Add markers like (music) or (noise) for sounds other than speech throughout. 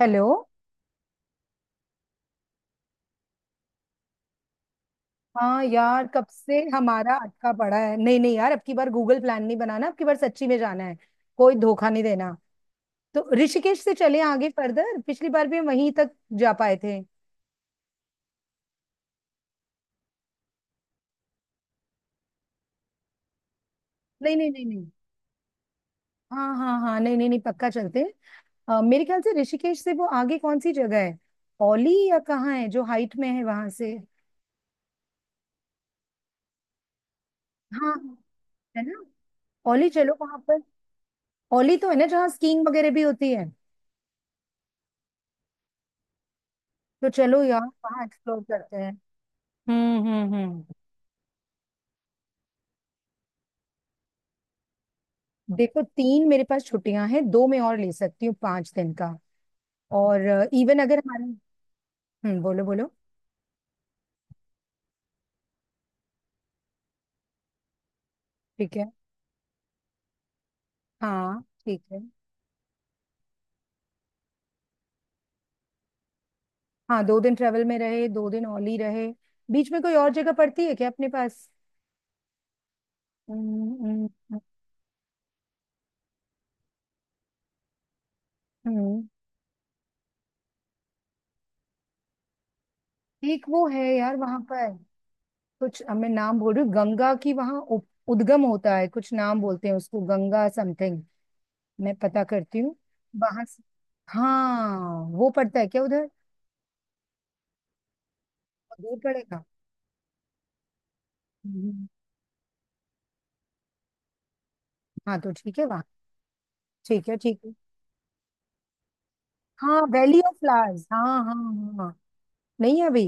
Hello. हाँ यार, कब से हमारा अटका पड़ा है। नहीं नहीं यार, अब की बार गूगल प्लान नहीं बनाना, अब की बार सच्ची में जाना है। कोई धोखा नहीं देना। तो ऋषिकेश से चले आगे फर्दर, पिछली बार भी हम वहीं तक जा पाए थे। नहीं नहीं नहीं नहीं। हाँ हाँ हाँ, नहीं नहीं नहीं, पक्का चलते हैं। मेरे ख्याल से ऋषिकेश से वो आगे कौन सी जगह है? औली या कहाँ है जो हाइट में है वहां से? हाँ, है ना। औली चलो वहां पर। औली तो है ना जहाँ स्कीइंग वगैरह भी होती है? तो चलो यार, वहाँ एक्सप्लोर करते हैं। हम्म हम्म हम्म देखो, 3 मेरे पास छुट्टियां हैं, 2 मैं और ले सकती हूँ, 5 दिन का। और, इवन अगर हमारे। बोलो बोलो। ठीक है। हाँ ठीक है। हाँ, दो दिन ट्रेवल में रहे, 2 दिन ओनली रहे। बीच में कोई और जगह पड़ती है क्या अपने पास? हम्म, हम्म, हम्म। हम्म। एक वो है यार वहां पर कुछ, अब मैं नाम बोल रही हूँ, गंगा की वहां उद्गम होता है, कुछ नाम बोलते हैं उसको, गंगा समथिंग। मैं पता करती हूँ। वहां से, हाँ, वो पड़ता है क्या उधर? दूर पड़ेगा। हम्म। हम्म। हाँ तो ठीक है वहां। ठीक है ठीक है। हाँ, वैली ऑफ फ्लावर्स, हाँ हाँ हाँ हाँ। नहीं है अभी।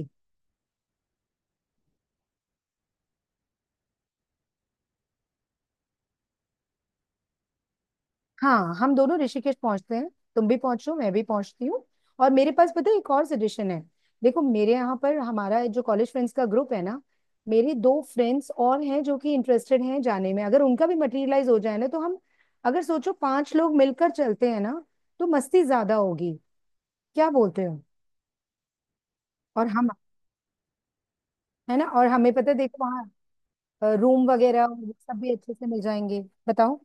हाँ, हम दोनों ऋषिकेश पहुंचते हैं। तुम भी पहुंचो, मैं भी पहुंचती हूँ। और मेरे पास, पता है, एक और सजेशन है। देखो, मेरे यहाँ पर हमारा जो कॉलेज फ्रेंड्स का ग्रुप है ना, मेरे दो फ्रेंड्स और हैं जो कि इंटरेस्टेड हैं जाने में। अगर उनका भी मटेरियलाइज हो जाए ना, तो हम, अगर सोचो पांच लोग मिलकर चलते हैं ना, तो मस्ती ज्यादा होगी। क्या बोलते हो? और हम, है ना, और हमें पता है, देखो वहाँ रूम वगैरह सब भी अच्छे से मिल जाएंगे। बताओ।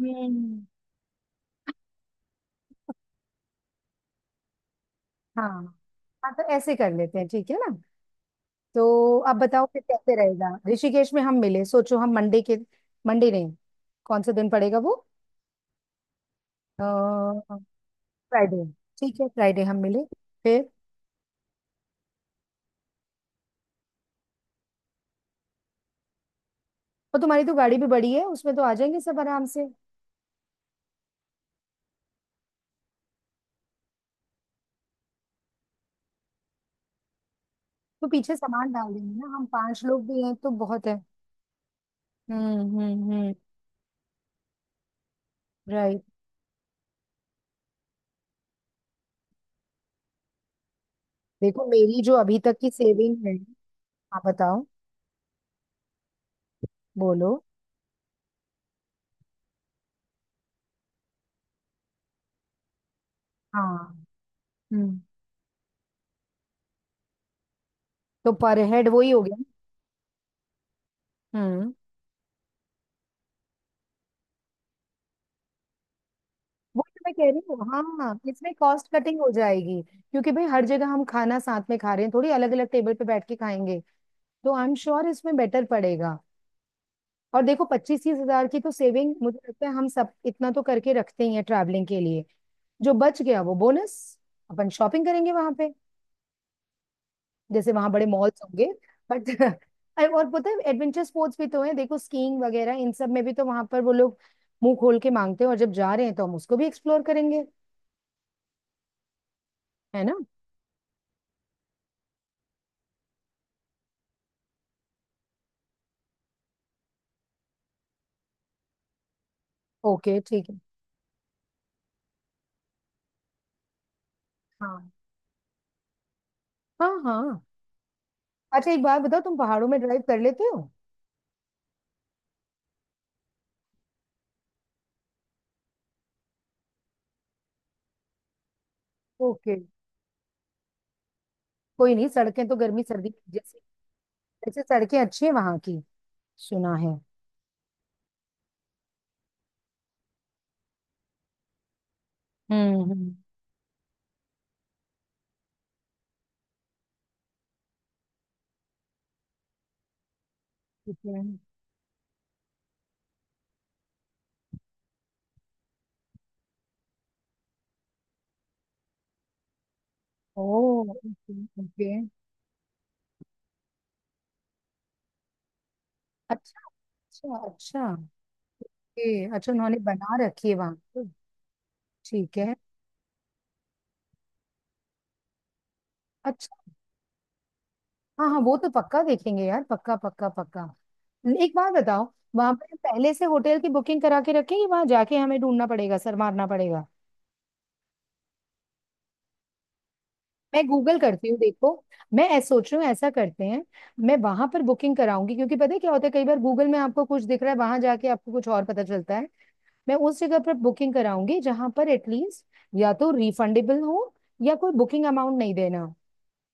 हम्म। हाँ हाँ, तो ऐसे कर लेते हैं, ठीक है ना? तो आप बताओ फिर कैसे रहेगा, ऋषिकेश में हम मिले, सोचो हम मंडे के, मंडे नहीं, कौन सा दिन पड़ेगा वो, फ्राइडे। ठीक है, फ्राइडे हम मिले। फिर, और तुम्हारी तो गाड़ी भी बड़ी है, उसमें तो आ जाएंगे सब आराम से। तो पीछे सामान डाल देंगे ना, हम पांच लोग भी हैं तो बहुत है। हम्म, राइट। देखो मेरी जो अभी तक की सेविंग है, आप बताओ। बोलो। हाँ। हम्म तो पर हेड वही हो गया ना? हम्म वो तो मैं कह रही हूँ, हाँ, इसमें कॉस्ट कटिंग हो जाएगी। क्योंकि भाई हर जगह हम खाना साथ में खा रहे हैं, थोड़ी अलग अलग टेबल पे बैठ के खाएंगे। तो आई एम श्योर इसमें बेटर पड़ेगा। और देखो, 25-30 हजार की तो सेविंग, मुझे लगता है हम सब इतना तो करके रखते ही हैं ट्रैवलिंग के लिए। जो बच गया वो बोनस। अपन शॉपिंग करेंगे वहां पे, जैसे वहां बड़े मॉल्स होंगे। बट (laughs) और पता है, एडवेंचर स्पोर्ट्स भी तो है, देखो स्कीइंग वगैरह, इन सब में भी तो वहां पर वो लोग मुंह खोल के मांगते हैं, और जब जा रहे हैं तो हम उसको भी एक्सप्लोर करेंगे। है ना? ओके ठीक है। हाँ हाँ हाँ। अच्छा, एक बात बताओ, तुम पहाड़ों में ड्राइव कर लेते हो? ओके। कोई नहीं, सड़कें तो गर्मी सर्दी की जैसे, जैसे सड़कें अच्छी हैं वहां की, सुना है। हम्म। ठीक है। ओ, ओके। ओके। अच्छा अच्छा अच्छा। ओके, अच्छा उन्होंने बना रखी है वहां पे। ठीक है। अच्छा, हाँ हाँ वो तो पक्का देखेंगे यार, पक्का पक्का पक्का। एक बात बताओ, वहां पे पहले से होटल की बुकिंग करा के रखें या वहां जाके हमें ढूंढना पड़ेगा, सर मारना पड़ेगा? मैं गूगल करती हूँ, देखो। मैं ऐसा सोच रही हूँ, ऐसा करते हैं। मैं वहां पर बुकिंग कराऊंगी, क्योंकि पता है क्या होता है, कई बार गूगल में आपको कुछ दिख रहा है, वहां जाके आपको कुछ और पता चलता है। मैं उस जगह पर बुकिंग कराऊंगी जहां पर एटलीस्ट या तो रिफंडेबल हो, या कोई बुकिंग अमाउंट नहीं देना हो।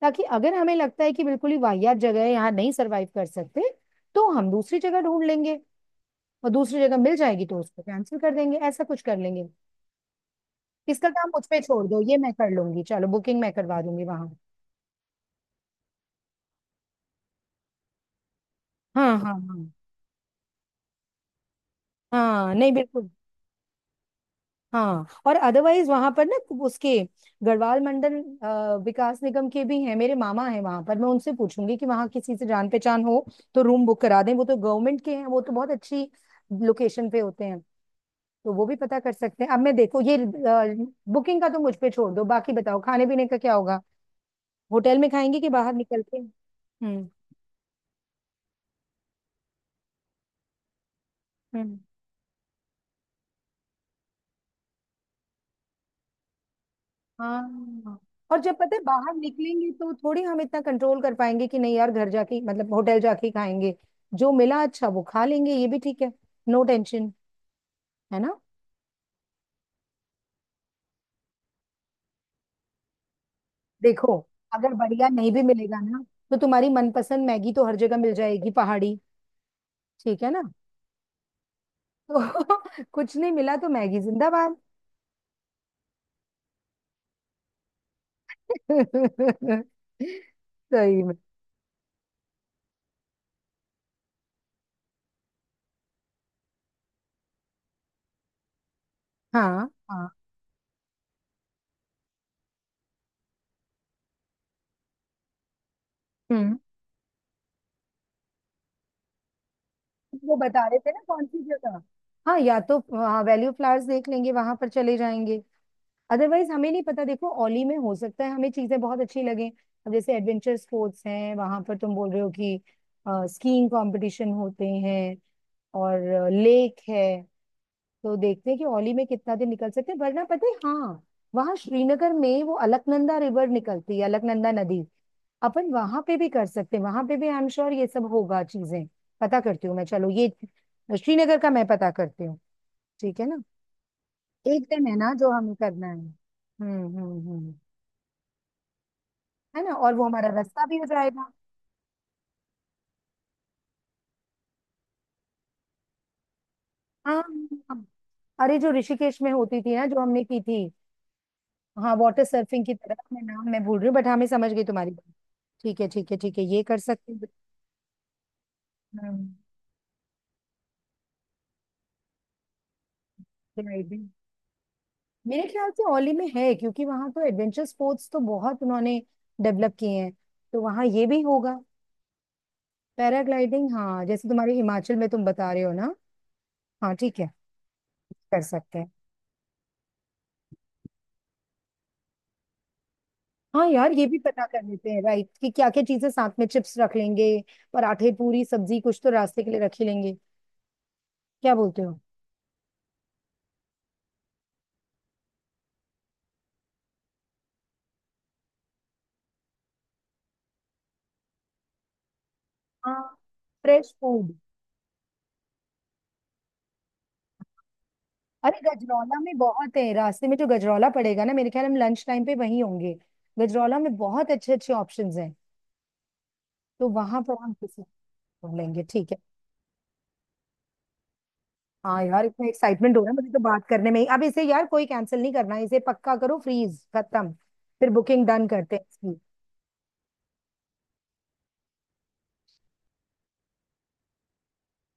ताकि अगर हमें लगता है कि बिल्कुल ही वाहियात जगह है, यहाँ नहीं सरवाइव कर सकते, तो हम दूसरी जगह ढूंढ लेंगे। और दूसरी जगह मिल जाएगी तो उसको कैंसिल कर देंगे, ऐसा कुछ कर लेंगे। इसका काम मुझ पे छोड़ दो, ये मैं कर लूंगी, चलो बुकिंग मैं करवा दूंगी वहां। हाँ हाँ हाँ। हाँ नहीं, बिल्कुल। हाँ और अदरवाइज वहां पर ना, उसके गढ़वाल मंडल विकास निगम के भी हैं, मेरे मामा हैं वहां पर, मैं उनसे पूछूंगी कि वहां किसी से जान पहचान हो तो रूम बुक करा दें। वो तो गवर्नमेंट के हैं, वो तो बहुत अच्छी लोकेशन पे होते हैं। तो वो भी पता कर सकते हैं। अब मैं, देखो ये बुकिंग का तो मुझ पे छोड़ दो, बाकी बताओ खाने पीने का क्या होगा, होटल में खाएंगे कि बाहर निकल के? हम्म हम्म। हाँ, और जब पता है बाहर निकलेंगे तो थोड़ी हम इतना कंट्रोल कर पाएंगे कि नहीं यार, मतलब होटल जाके ही खाएंगे। जो मिला अच्छा वो खा लेंगे, ये भी ठीक है। No tension. है ना? देखो, अगर बढ़िया नहीं भी मिलेगा ना, तो तुम्हारी मनपसंद मैगी तो हर जगह मिल जाएगी पहाड़ी। ठीक है ना? तो (laughs) कुछ नहीं मिला तो मैगी जिंदाबाद। (laughs) सही में। हाँ हाँ। हम्म। वो बता रहे थे ना कौन सी जगह? हाँ, या तो हाँ वैल्यू फ्लावर्स देख लेंगे, वहां पर चले जाएंगे। अदरवाइज हमें नहीं पता, देखो ओली में हो सकता है हमें चीजें बहुत अच्छी लगे। अब जैसे एडवेंचर स्पोर्ट्स हैं वहां पर, तुम बोल रहे हो कि स्कीइंग कंपटीशन होते हैं और लेक है। तो देखते हैं कि ओली में कितना दिन निकल सकते हैं, वरना पता है हाँ, वहां श्रीनगर में वो अलकनंदा रिवर निकलती है, अलकनंदा नदी। अपन वहां पे भी कर सकते हैं, वहां पे भी आई एम श्योर ये सब होगा चीजें। पता करती हूँ मैं, चलो ये श्रीनगर का मैं पता करती हूँ। ठीक है ना? एक दिन है ना जो हमें करना है। हम्म। है ना, और वो हमारा रास्ता भी हो जाएगा। हाँ हाँ। अरे, जो ऋषिकेश में होती थी ना जो हमने की थी। हाँ, वाटर सर्फिंग की तरह, मैं नाम मैं भूल रही हूँ, बट हाँ मैं समझ गई तुम्हारी बात। ठीक है ठीक है ठीक है, ये कर सकते हैं। हम्म, right है। मेरे ख्याल से औली में है क्योंकि वहां तो एडवेंचर स्पोर्ट्स तो बहुत उन्होंने डेवलप किए हैं, तो वहां ये भी होगा। पैराग्लाइडिंग, हाँ, जैसे तुम्हारे हिमाचल में तुम बता रहे हो ना। हाँ ठीक है, कर सकते हैं। हाँ यार, ये भी पता कर लेते हैं राइट कि क्या क्या चीजें साथ में, चिप्स रख लेंगे, पराठे पूरी सब्जी कुछ तो रास्ते के लिए रख ही लेंगे। क्या बोलते हो? हाँ, फ्रेश फूड। अरे गजरौला में बहुत है रास्ते में, जो गजरौला पड़ेगा ना मेरे ख्याल हम लंच टाइम पे वहीं होंगे। गजरौला में बहुत अच्छे अच्छे ऑप्शंस हैं, तो वहां पर हम किसी को ढूंढ लेंगे, ठीक है। हाँ यार, इतना एक्साइटमेंट हो रहा है मुझे तो बात करने में ही। अब इसे यार कोई कैंसिल नहीं करना है, इसे पक्का करो, फ्रीज खत्म। फिर बुकिंग डन करते हैं इसकी।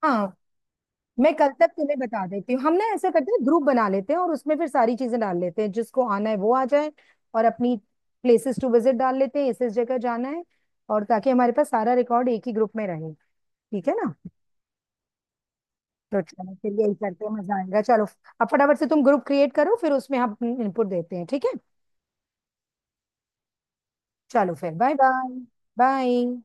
हाँ, मैं कल तक तुम्हें बता देती हूँ, हम ना ऐसा करते हैं ग्रुप बना लेते हैं और उसमें फिर सारी चीजें डाल लेते हैं जिसको आना है वो आ जाए। और अपनी प्लेसेस टू विजिट डाल लेते हैं, इस जगह जाना है। और ताकि हमारे पास सारा रिकॉर्ड एक ही ग्रुप में रहे। ठीक है ना? तो चलो फिर यही करते हैं, मजा आएगा, चलो। अब फटाफट से तुम ग्रुप क्रिएट करो फिर उसमें हम इनपुट देते हैं, ठीक है। चलो फिर बाय बाय। बाय।